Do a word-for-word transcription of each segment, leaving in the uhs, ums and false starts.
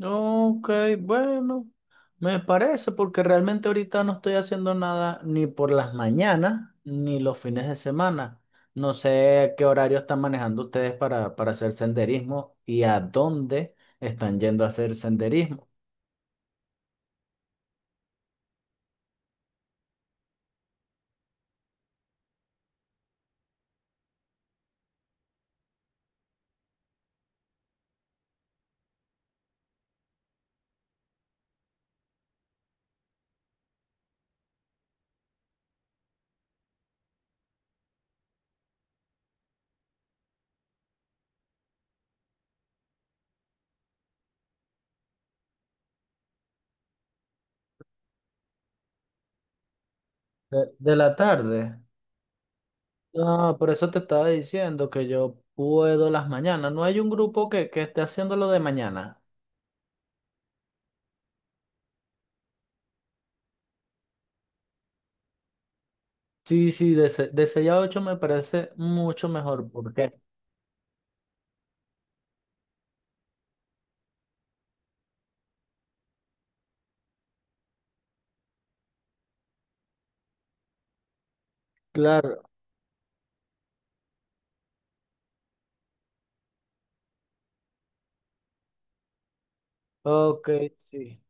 Ok, bueno, me parece porque realmente ahorita no estoy haciendo nada ni por las mañanas ni los fines de semana. No sé qué horario están manejando ustedes para, para hacer senderismo y a dónde están yendo a hacer senderismo. De, de la tarde. No, por eso te estaba diciendo que yo puedo las mañanas. No hay un grupo que, que esté haciendo lo de mañana. Sí, sí, de, se- de seis a ocho me parece mucho mejor porque, claro, ok, sí.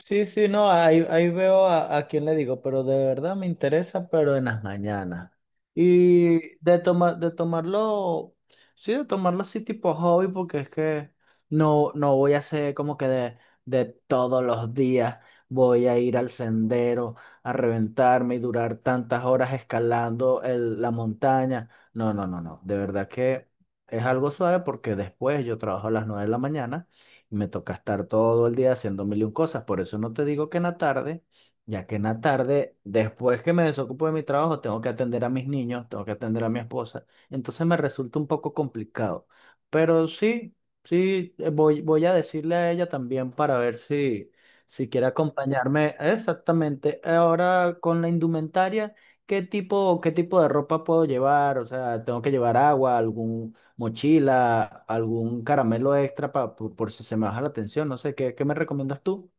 Sí, sí, no, ahí, ahí veo a, a quién le digo, pero de verdad me interesa, pero en las mañanas. Y de tomar, de tomarlo, sí, de tomarlo así tipo hobby, porque es que no, no voy a hacer como que de, de todos los días voy a ir al sendero a reventarme y durar tantas horas escalando el- la montaña. No, no, no, no. De verdad que es algo suave porque después yo trabajo a las nueve de la mañana. Me toca estar todo el día haciendo mil y un cosas. Por eso no te digo que en la tarde, ya que en la tarde, después que me desocupo de mi trabajo, tengo que atender a mis niños, tengo que atender a mi esposa. Entonces me resulta un poco complicado. Pero sí, sí, eh, voy, voy a decirle a ella también para ver si, si, quiere acompañarme. Exactamente. Ahora con la indumentaria. ¿Qué tipo, qué tipo de ropa puedo llevar? O sea, tengo que llevar agua, algún, mochila, algún caramelo extra pa- por, por si se me baja la tensión, no sé, ¿qué, qué me recomiendas tú?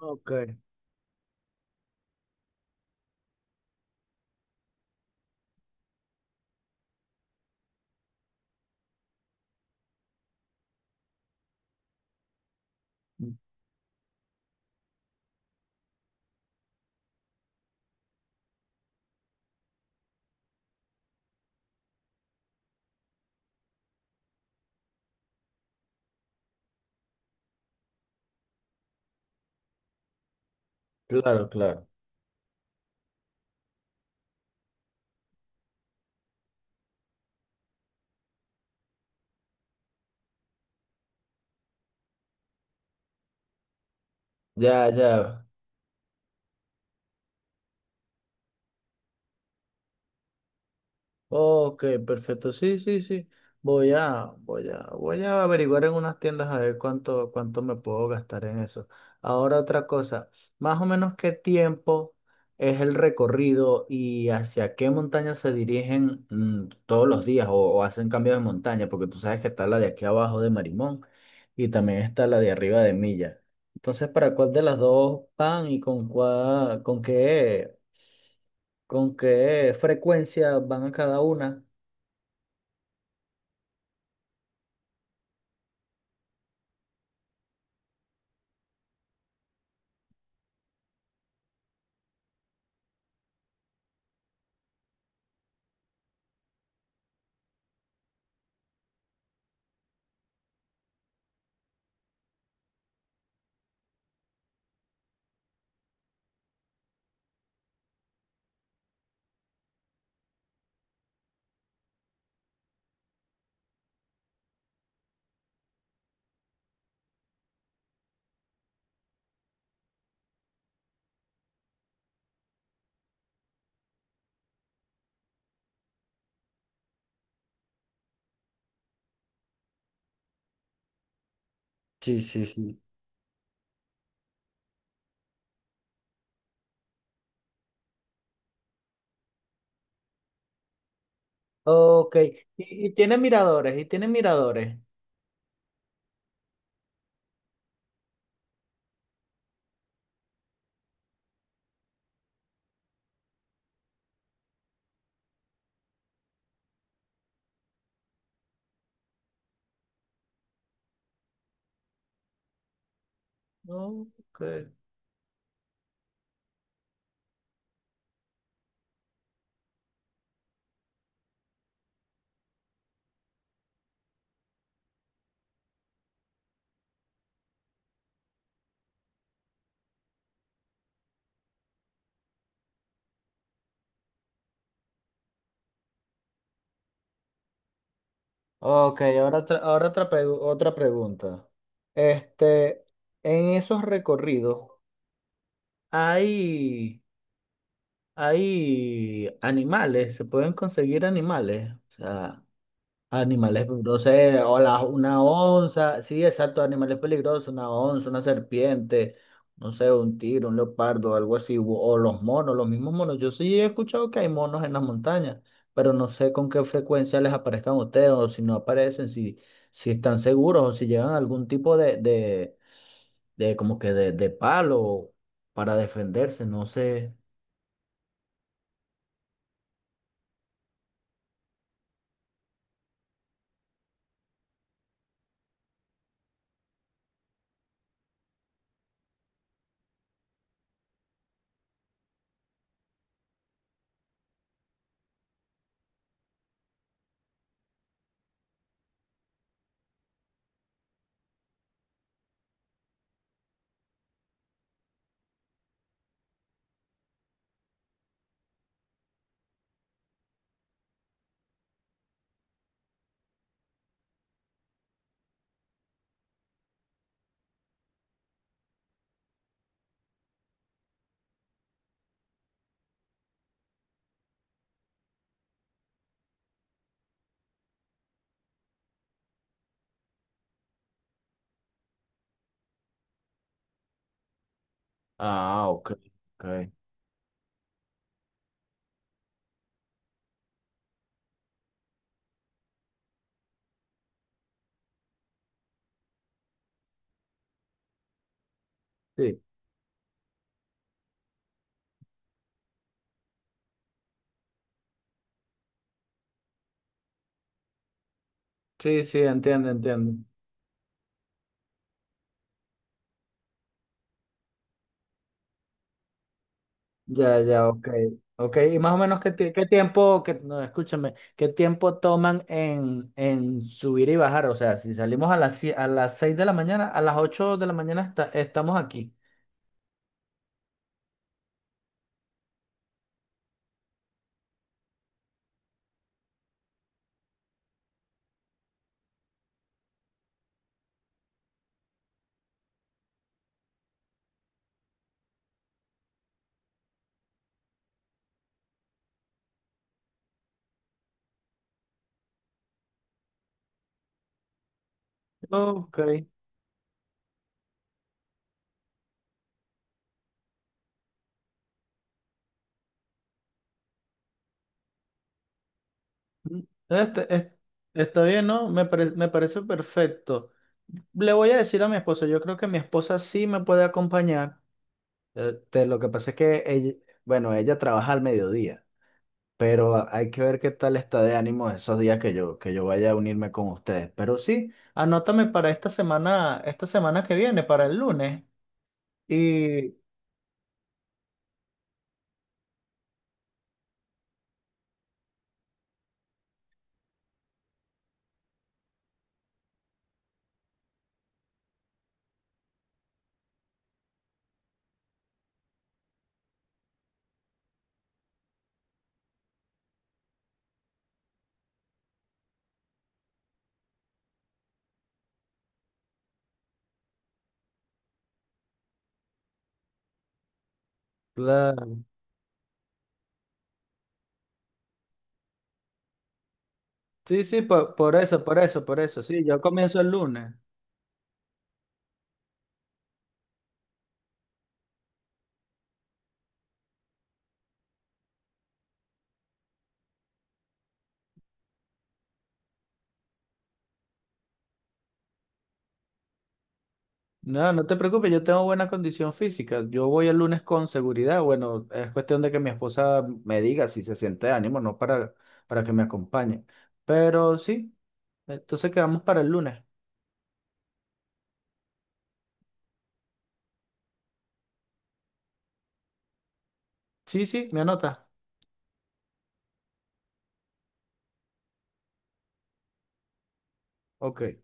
Ok, claro, claro. Ya, ya. Ok, perfecto. Sí, sí, sí. Voy a, voy a, voy a averiguar en unas tiendas a ver cuánto, cuánto me puedo gastar en eso. Ahora otra cosa, más o menos qué tiempo es el recorrido y hacia qué montaña se dirigen mm, todos los días o, o hacen cambios de montaña, porque tú sabes que está la de aquí abajo de Marimón y también está la de arriba de Milla. Entonces, ¿para cuál de las dos van y con cuál, con qué, con qué frecuencia van a cada una? Sí, sí, sí. Ok. Y, y tiene miradores, y tiene miradores. Ok. Ok, ahora, otra- ahora otra, pregu- otra pregunta. Este, en esos recorridos, Hay, hay animales, se pueden conseguir animales. O sea, animales peligrosos, eh, o la- una onza, sí, exacto, animales peligrosos, una onza, una serpiente, no sé, un tigre, un leopardo, algo así, u- o los monos, los mismos monos. Yo sí he escuchado que hay monos en las montañas, pero no sé con qué frecuencia les aparezcan a ustedes, o si no aparecen, si, si, están seguros, o si llevan algún tipo de, de, de como que de, de palo para defenderse, no sé. Ah, ok, ok. Sí, sí, sí, entiendo, entiendo. Ya, ya, ok. Ok, y más o menos qué, ti- qué tiempo, que, no, escúchame, qué tiempo toman en, en subir y bajar. O sea, si salimos a las, sie- a las seis de la mañana, a las ocho de la mañana esta- estamos aquí. Ok. Mm, Este, es- Está bien, ¿no? Me, pare- me parece perfecto. Le voy a decir a mi esposa, yo creo que mi esposa sí me puede acompañar. Eh, te- lo que pasa es que ella, bueno, ella trabaja al mediodía. Pero hay que ver qué tal está de ánimo esos días que yo, que yo vaya a unirme con ustedes. Pero sí, anótame para esta semana, esta semana que viene, para el lunes. Y Claro. Sí, sí, por, por eso, por eso, por eso. Sí, yo comienzo el lunes. No, no te preocupes, yo tengo buena condición física. Yo voy el lunes con seguridad. Bueno, es cuestión de que mi esposa me diga si se siente de ánimo, no para, para que me acompañe. Pero sí, entonces quedamos para el lunes. Sí, sí, me anota. Ok.